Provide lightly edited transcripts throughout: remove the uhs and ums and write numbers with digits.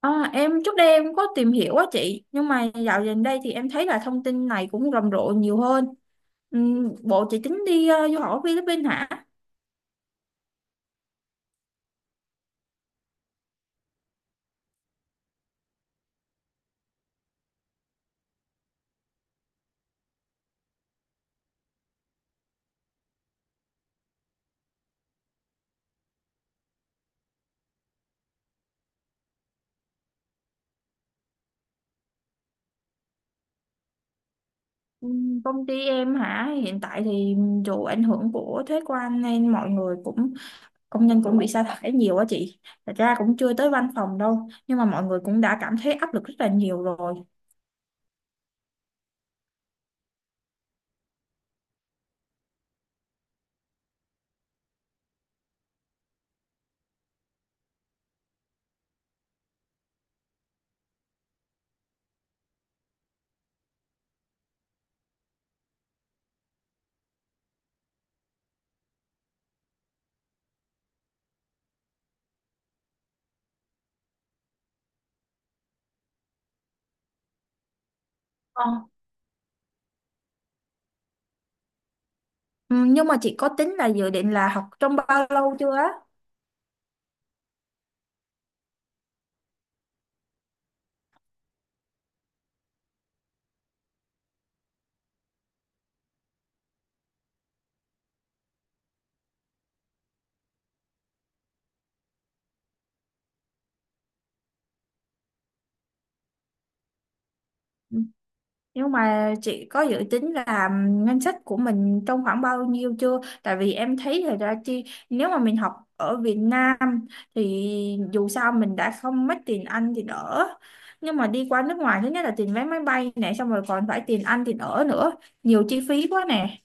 Em trước đây em có tìm hiểu á chị, nhưng mà dạo gần đây thì em thấy là thông tin này cũng rầm rộ nhiều hơn. Bộ chị tính đi du học ở Philippines hả? Công ty em hả? Hiện tại thì dù ảnh hưởng của thuế quan nên mọi người cũng, công nhân cũng bị sa thải nhiều á chị. Thật ra cũng chưa tới văn phòng đâu, nhưng mà mọi người cũng đã cảm thấy áp lực rất là nhiều rồi. Ờ. Nhưng mà chị có tính là dự định là học trong bao lâu chưa á? Nhưng mà chị có dự tính là ngân sách của mình trong khoảng bao nhiêu chưa? Tại vì em thấy là ra chi, nếu mà mình học ở Việt Nam thì dù sao mình đã không mất tiền ăn thì ở. Nhưng mà đi qua nước ngoài, thứ nhất là tiền vé máy bay nè, xong rồi còn phải tiền ăn tiền ở nữa, nhiều chi phí quá nè.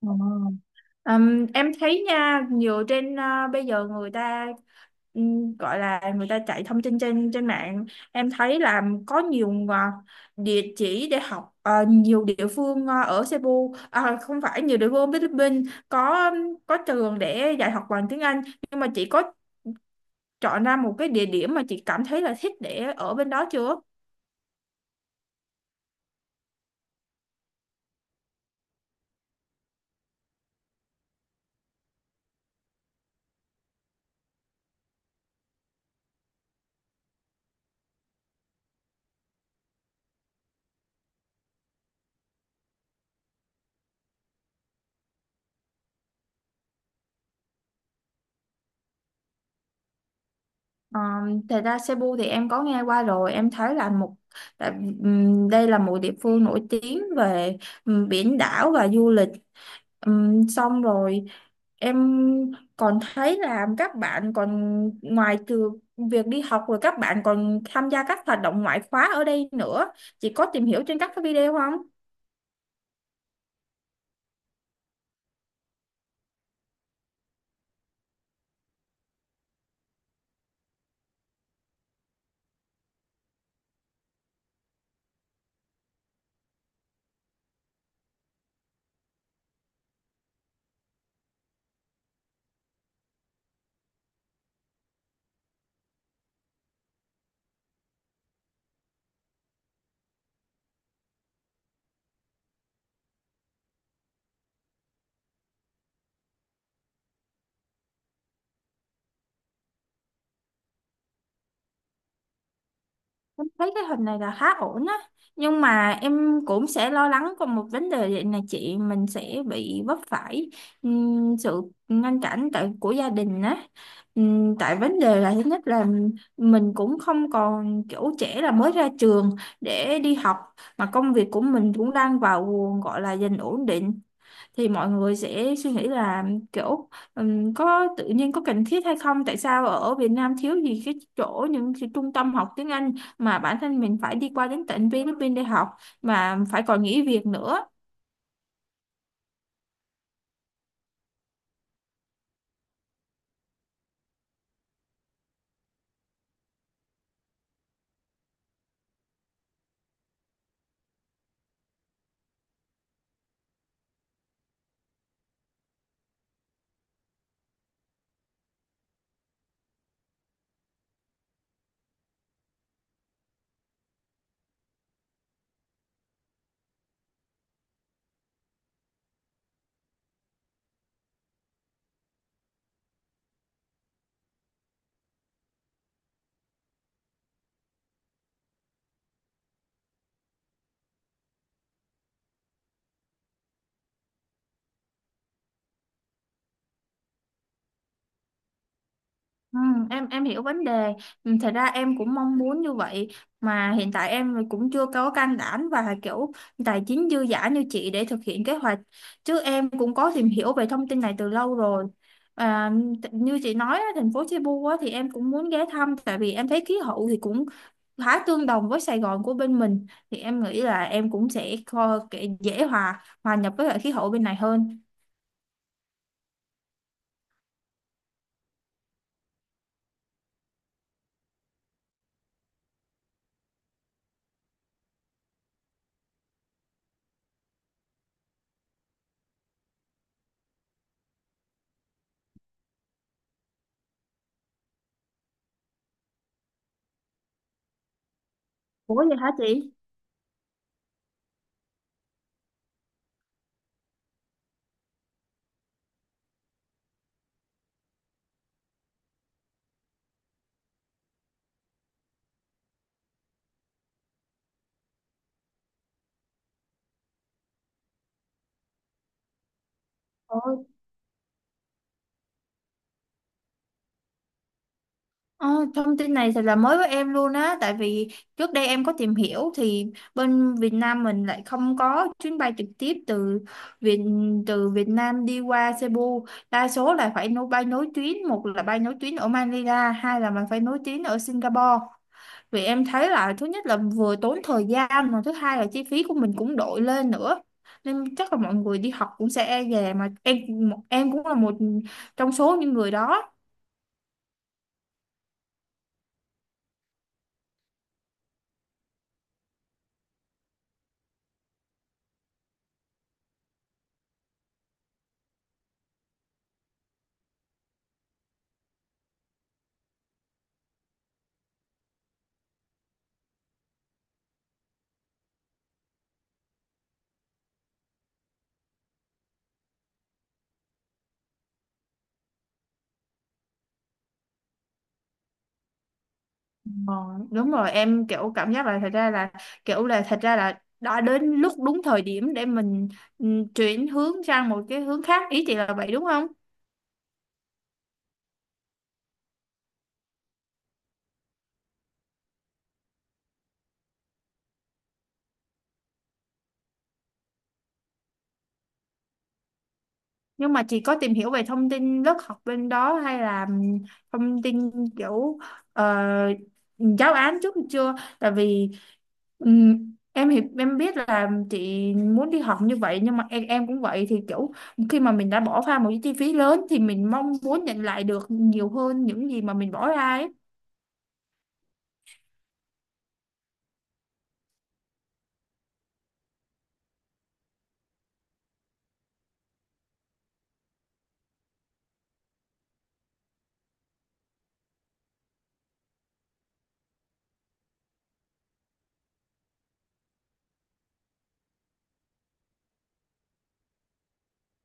Ờ. Em thấy nha, nhiều trên bây giờ người ta gọi là người ta chạy thông tin trên trên mạng, em thấy là có nhiều địa chỉ để học, nhiều địa phương, ở Cebu, à, không phải, nhiều địa phương ở Philippines có trường để dạy học bằng tiếng Anh, nhưng mà chị có chọn ra một cái địa điểm mà chị cảm thấy là thích để ở bên đó chưa? Ờ, thật ra Cebu thì em có nghe qua rồi. Em thấy là một, tại, đây là một địa phương nổi tiếng về biển đảo và du lịch. Xong rồi em còn thấy là các bạn còn, ngoài từ việc đi học rồi, các bạn còn tham gia các hoạt động ngoại khóa ở đây nữa. Chị có tìm hiểu trên các cái video không? Em thấy cái hình này là khá ổn á, nhưng mà em cũng sẽ lo lắng còn một vấn đề, vậy là chị mình sẽ bị vấp phải sự ngăn cản tại của gia đình á. Tại vấn đề là, thứ nhất là mình cũng không còn kiểu trẻ là mới ra trường để đi học, mà công việc của mình cũng đang vào, gọi là dần ổn định, thì mọi người sẽ suy nghĩ là kiểu có tự nhiên có cần thiết hay không, tại sao ở Việt Nam thiếu gì cái chỗ, những cái trung tâm học tiếng Anh, mà bản thân mình phải đi qua đến tận Philippines để học, mà phải còn nghỉ việc nữa. Ừ, em hiểu vấn đề. Ừ, thật ra em cũng mong muốn như vậy, mà hiện tại em cũng chưa có can đảm và kiểu tài chính dư dả như chị để thực hiện kế hoạch, chứ em cũng có tìm hiểu về thông tin này từ lâu rồi. à, Như chị nói á, thành phố Cebu á, thì em cũng muốn ghé thăm, tại vì em thấy khí hậu thì cũng khá tương đồng với Sài Gòn của bên mình, thì em nghĩ là em cũng sẽ dễ hòa hòa nhập với lại khí hậu bên này hơn. Ủa vậy hả chị? Ờ, thông tin này thật là mới với em luôn á, tại vì trước đây em có tìm hiểu thì bên Việt Nam mình lại không có chuyến bay trực tiếp từ Việt từ Việt Nam đi qua Cebu, đa số là phải nối bay nối tuyến, một là bay nối tuyến ở Manila, hai là mình phải nối tuyến ở Singapore, vì em thấy là thứ nhất là vừa tốn thời gian, mà thứ hai là chi phí của mình cũng đội lên nữa, nên chắc là mọi người đi học cũng sẽ e dè mà. Em cũng là một trong số những người đó. Ờ, đúng rồi, em kiểu cảm giác là thật ra là, đã đến lúc đúng thời điểm để mình, ừ, chuyển hướng sang một cái hướng khác, ý chị là vậy đúng không? Nhưng mà chị có tìm hiểu về thông tin lớp học bên đó hay là, ừ, thông tin kiểu, ờ, giáo án trước chưa? Tại vì, ừ, em hiểu, em biết là chị muốn đi học như vậy, nhưng mà em cũng vậy, thì kiểu khi mà mình đã bỏ ra một cái chi phí lớn thì mình mong muốn nhận lại được nhiều hơn những gì mà mình bỏ ra ấy.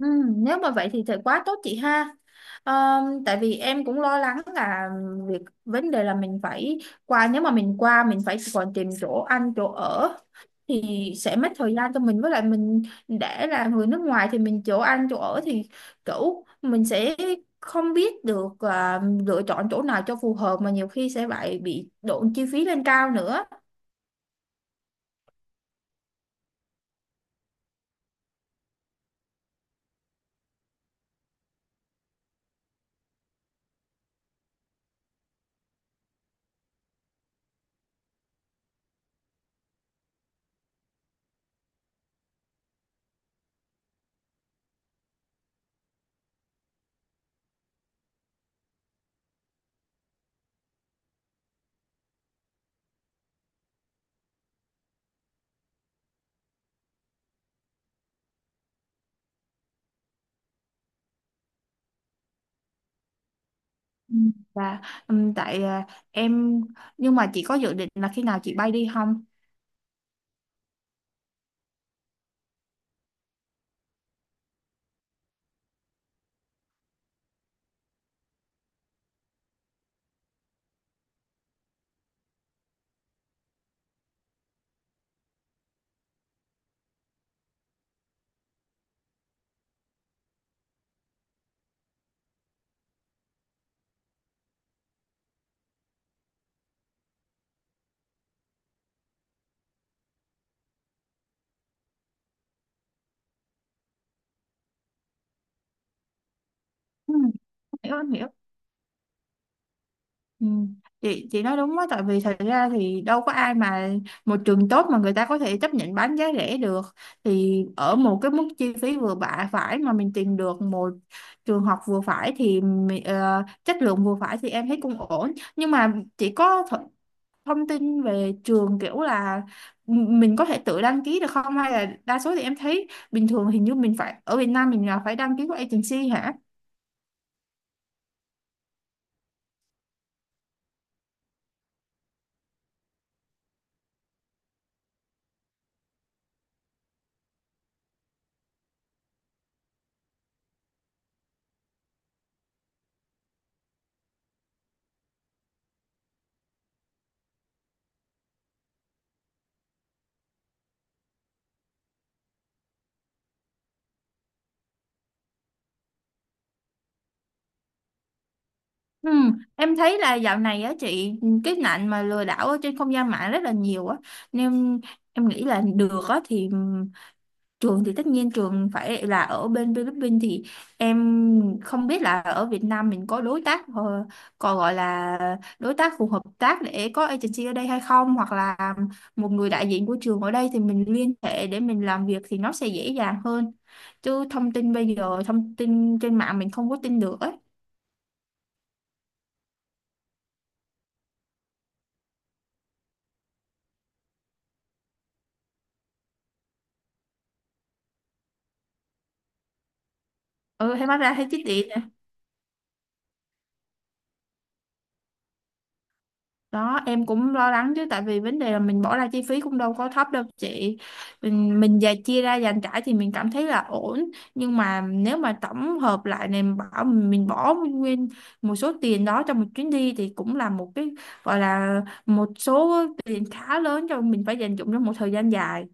Ừ, nếu mà vậy thì thật quá tốt chị ha. Ờ, tại vì em cũng lo lắng là việc vấn đề là mình phải qua, nếu mà mình qua mình phải còn tìm chỗ ăn chỗ ở thì sẽ mất thời gian cho mình, với lại mình để là người nước ngoài thì mình chỗ ăn chỗ ở thì kiểu mình sẽ không biết được, lựa chọn chỗ nào cho phù hợp, mà nhiều khi sẽ lại bị độn chi phí lên cao nữa. Ừ, và tại, em, nhưng mà chị có dự định là khi nào chị bay đi không? Ừ, hiểu, em hiểu. Ừ. Chị nói đúng á, tại vì thật ra thì đâu có ai mà một trường tốt mà người ta có thể chấp nhận bán giá rẻ được, thì ở một cái mức chi phí vừa bạ phải mà mình tìm được một trường học vừa phải thì chất lượng vừa phải thì em thấy cũng ổn. Nhưng mà chị có thông tin về trường kiểu là mình có thể tự đăng ký được không, hay là đa số thì em thấy bình thường hình như mình phải, ở Việt Nam mình là phải đăng ký qua agency hả? Ừ, em thấy là dạo này á chị, cái nạn mà lừa đảo ở trên không gian mạng rất là nhiều á, nên em nghĩ là được á thì trường thì tất nhiên trường phải là ở bên Philippines, thì em không biết là ở Việt Nam mình có đối tác còn gọi là đối tác phù hợp tác để có agency ở đây hay không, hoặc là một người đại diện của trường ở đây thì mình liên hệ để mình làm việc thì nó sẽ dễ dàng hơn, chứ thông tin bây giờ, thông tin trên mạng mình không có tin được ấy. Ừ, em nói ra thấy chứ, đó, em cũng lo lắng chứ, tại vì vấn đề là mình bỏ ra chi phí cũng đâu có thấp đâu chị. Mình dành chia ra dành trải thì mình cảm thấy là ổn, nhưng mà nếu mà tổng hợp lại này, mình bảo mình bỏ nguyên một số tiền đó cho một chuyến đi thì cũng là một cái, gọi là, một số tiền khá lớn cho mình phải dành dụm trong một thời gian dài.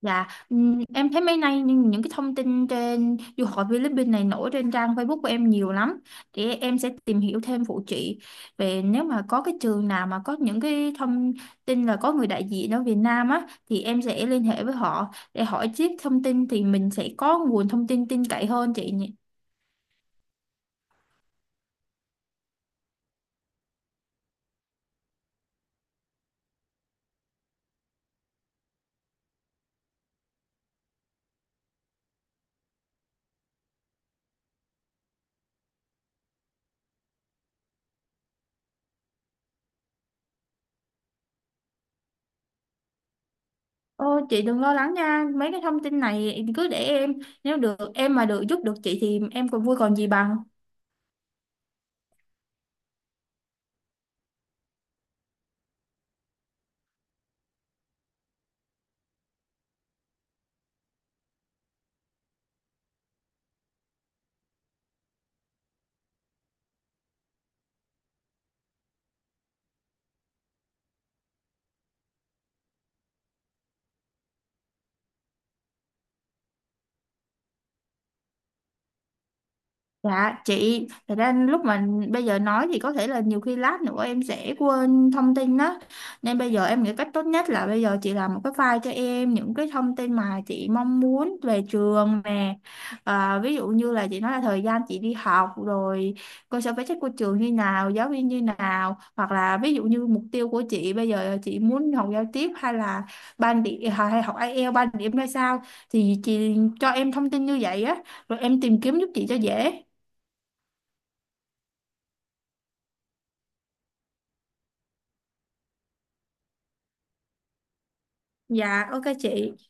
Dạ, em thấy mấy nay những cái thông tin trên du học Philippines này nổi trên trang Facebook của em nhiều lắm. Thì em sẽ tìm hiểu thêm phụ chị về, nếu mà có cái trường nào mà có những cái thông tin là có người đại diện ở Việt Nam á, thì em sẽ liên hệ với họ để hỏi tiếp thông tin, thì mình sẽ có nguồn thông tin tin cậy hơn chị nhỉ. Ô, chị đừng lo lắng nha, mấy cái thông tin này cứ để em, nếu được em mà được giúp được chị thì em còn vui còn gì bằng. Dạ chị, thật ra lúc mà bây giờ nói thì có thể là nhiều khi lát nữa em sẽ quên thông tin đó. Nên bây giờ em nghĩ cách tốt nhất là bây giờ chị làm một cái file cho em những cái thông tin mà chị mong muốn về trường nè. À, ví dụ như là chị nói là thời gian chị đi học rồi cơ sở vật chất của trường như nào, giáo viên như nào. Hoặc là ví dụ như mục tiêu của chị bây giờ chị muốn học giao tiếp hay là ban điểm, hay học IELTS ban điểm ra sao, thì chị cho em thông tin như vậy á, rồi em tìm kiếm giúp chị cho dễ. Dạ, ok chị.